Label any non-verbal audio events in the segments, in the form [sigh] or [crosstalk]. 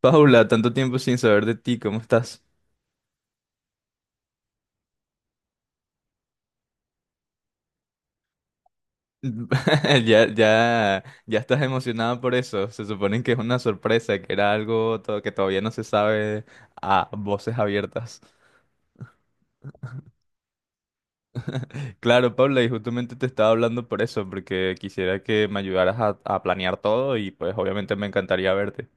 Paula, tanto tiempo sin saber de ti, ¿cómo estás? [laughs] Ya estás emocionada por eso. Se supone que es una sorpresa, que era algo que todavía no se sabe a voces abiertas. Claro, Paula, y justamente te estaba hablando por eso, porque quisiera que me ayudaras a planear todo y pues obviamente me encantaría verte.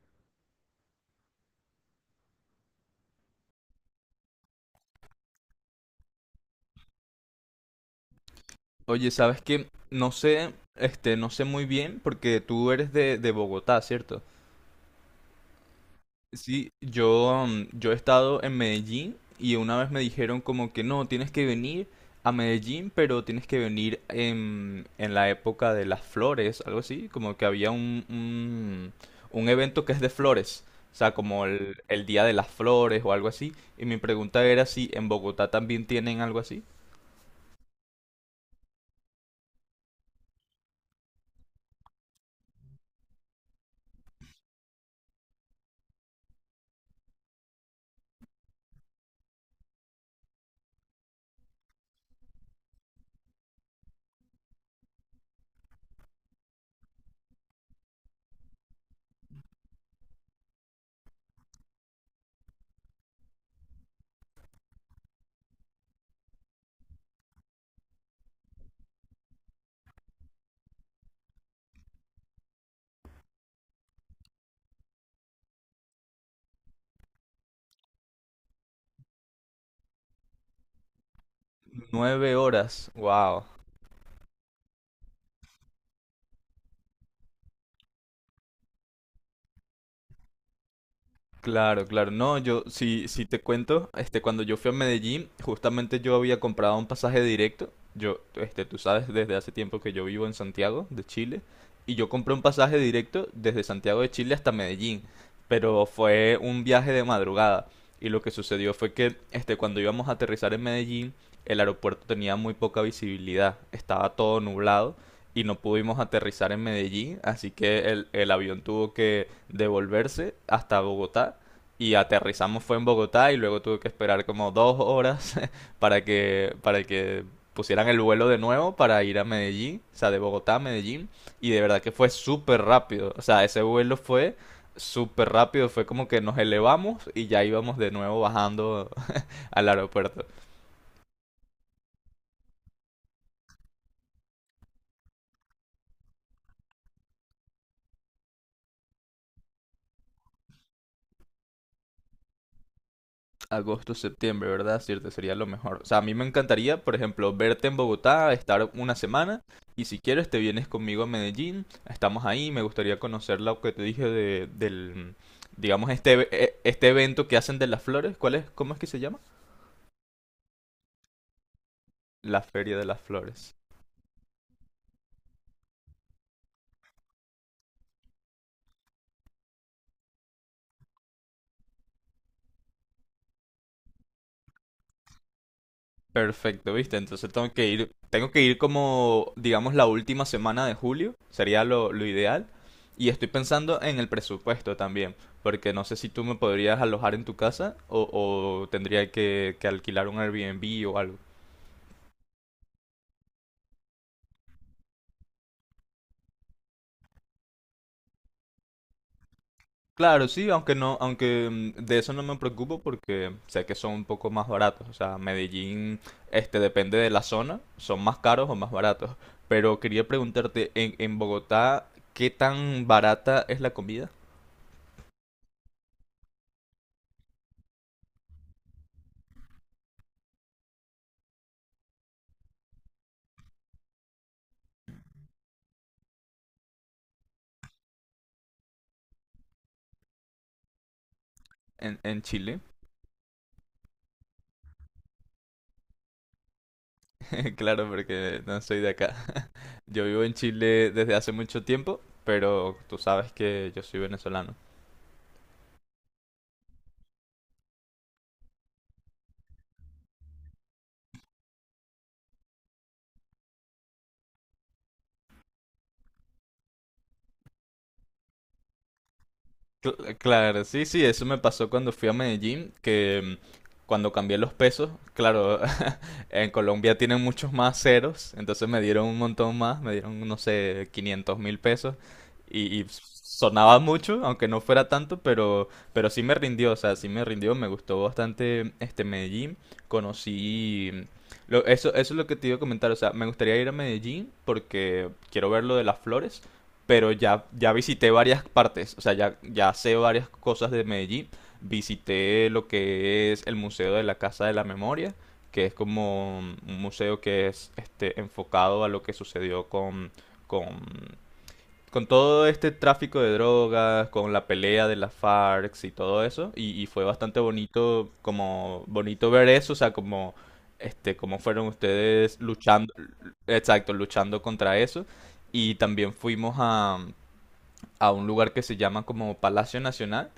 Oye, ¿sabes qué? No sé, este, no sé muy bien porque tú eres de Bogotá, ¿cierto? Sí, yo, yo he estado en Medellín y una vez me dijeron como que no, tienes que venir a Medellín, pero tienes que venir en la época de las flores, algo así, como que había un evento que es de flores, o sea, como el Día de las Flores o algo así, y mi pregunta era si en Bogotá también tienen algo así. Nueve horas, wow. Claro, claro. No, yo sí, sí te cuento, este, cuando yo fui a Medellín, justamente yo había comprado un pasaje directo. Yo, este, tú sabes, desde hace tiempo que yo vivo en Santiago de Chile y yo compré un pasaje directo desde Santiago de Chile hasta Medellín, pero fue un viaje de madrugada y lo que sucedió fue que, este, cuando íbamos a aterrizar en Medellín, el aeropuerto tenía muy poca visibilidad, estaba todo nublado y no pudimos aterrizar en Medellín, así que el avión tuvo que devolverse hasta Bogotá y aterrizamos fue en Bogotá y luego tuve que esperar como dos horas [laughs] para que pusieran el vuelo de nuevo para ir a Medellín, o sea, de Bogotá a Medellín y de verdad que fue súper rápido, o sea, ese vuelo fue súper rápido, fue como que nos elevamos y ya íbamos de nuevo bajando [laughs] al aeropuerto. Agosto, septiembre, ¿verdad? Cierto, sería lo mejor. O sea, a mí me encantaría, por ejemplo, verte en Bogotá, estar una semana y si quieres te vienes conmigo a Medellín, estamos ahí, me gustaría conocer lo que te dije de, del, digamos, este, este evento que hacen de las flores, ¿cuál es? ¿Cómo es que se llama? La Feria de las Flores. Perfecto, ¿viste? Entonces tengo que ir como, digamos, la última semana de julio, sería lo ideal. Y estoy pensando en el presupuesto también, porque no sé si tú me podrías alojar en tu casa o tendría que alquilar un Airbnb o algo. Claro, sí, aunque no, aunque de eso no me preocupo porque sé que son un poco más baratos. O sea, Medellín, este, depende de la zona, son más caros o más baratos. Pero quería preguntarte, en Bogotá, ¿qué tan barata es la comida? En Chile. [laughs] Claro, porque no soy de acá. Yo vivo en Chile desde hace mucho tiempo, pero tú sabes que yo soy venezolano. Claro, sí, sí, eso me pasó cuando fui a Medellín, que cuando cambié los pesos, claro. [laughs] En Colombia tienen muchos más ceros, entonces me dieron un montón más, me dieron, no sé, 500 mil pesos y sonaba mucho, aunque no fuera tanto, pero sí me rindió, o sea, sí me rindió, me gustó bastante este Medellín, conocí... Lo, eso es lo que te iba a comentar, o sea, me gustaría ir a Medellín porque quiero ver lo de las flores, pero ya, ya visité varias partes, o sea, ya, ya sé varias cosas de Medellín, visité lo que es el Museo de la Casa de la Memoria, que es como un museo que es este, enfocado a lo que sucedió con, con todo este tráfico de drogas, con la pelea de las FARC y todo eso. Y fue bastante bonito, como bonito ver eso, o sea, como este, cómo fueron ustedes luchando, exacto, luchando contra eso. Y también fuimos a un lugar que se llama como Palacio Nacional,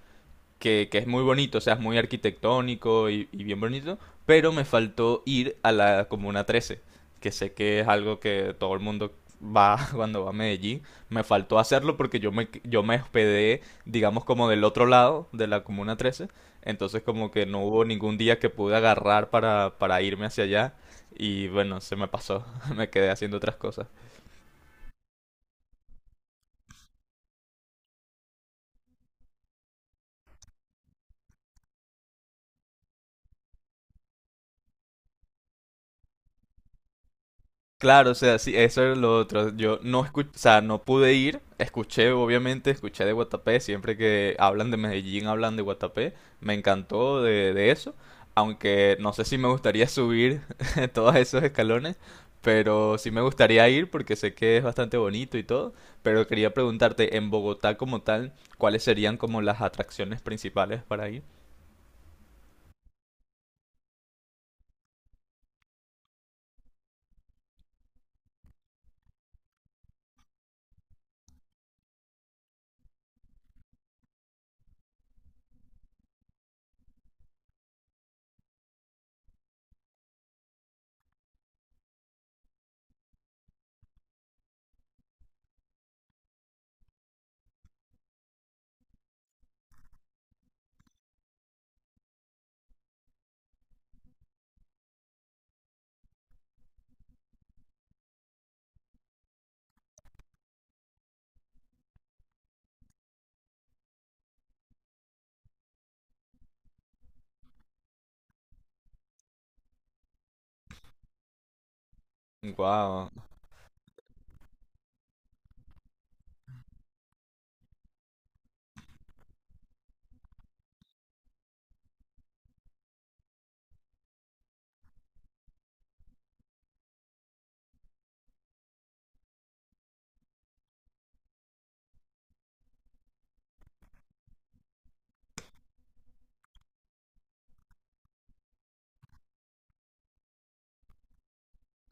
que es muy bonito, o sea, es muy arquitectónico y bien bonito, pero me faltó ir a la Comuna 13, que sé que es algo que todo el mundo va [laughs] cuando va a Medellín. Me faltó hacerlo porque yo me hospedé, digamos, como del otro lado de la Comuna 13. Entonces como que no hubo ningún día que pude agarrar para irme hacia allá. Y bueno, se me pasó. [laughs] Me quedé haciendo otras cosas. Claro, o sea, sí, eso era lo otro. Yo no escuché, o sea, no pude ir. Escuché, obviamente, escuché de Guatapé. Siempre que hablan de Medellín, hablan de Guatapé. Me encantó de eso. Aunque no sé si me gustaría subir [laughs] todos esos escalones. Pero sí me gustaría ir porque sé que es bastante bonito y todo. Pero quería preguntarte, en Bogotá como tal, ¿cuáles serían como las atracciones principales para ir? Wow. [laughs]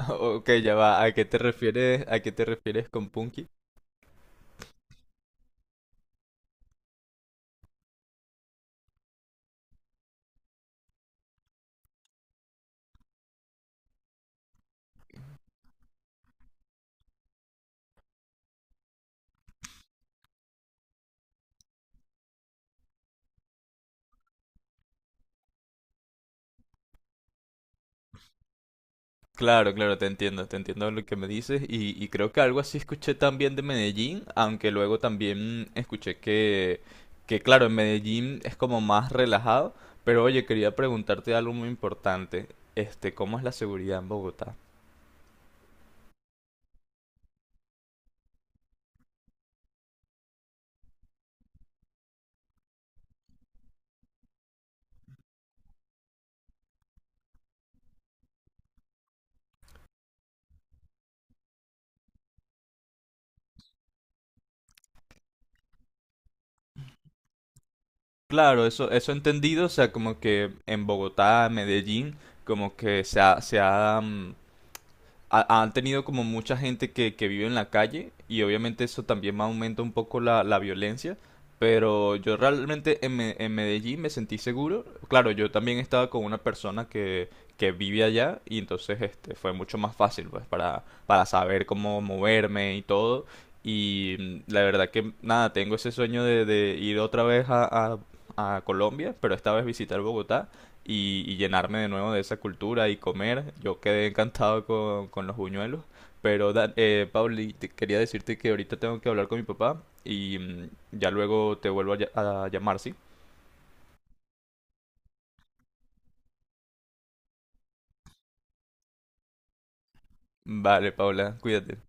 Ok, ya va. ¿A qué te refieres, a qué te refieres con Punky? Claro, claro, te entiendo lo que me dices y creo que algo así escuché también de Medellín, aunque luego también escuché que claro, en Medellín es como más relajado, pero oye, quería preguntarte algo muy importante, este, ¿cómo es la seguridad en Bogotá? Claro, eso he entendido, o sea, como que en Bogotá, Medellín, como que se ha, mm, ha- han tenido como mucha gente que vive en la calle y obviamente eso también aumenta un poco la violencia, pero yo realmente en, en Medellín me sentí seguro. Claro, yo también estaba con una persona que vive allá y entonces este, fue mucho más fácil pues para saber cómo moverme y todo. Y la verdad que nada, tengo ese sueño de ir otra vez a Colombia, pero esta vez visitar Bogotá y llenarme de nuevo de esa cultura y comer. Yo quedé encantado con los buñuelos. Pero, Pauli, te quería decirte que ahorita tengo que hablar con mi papá y ya luego te vuelvo a llamar, ¿sí? Vale, Paula, cuídate.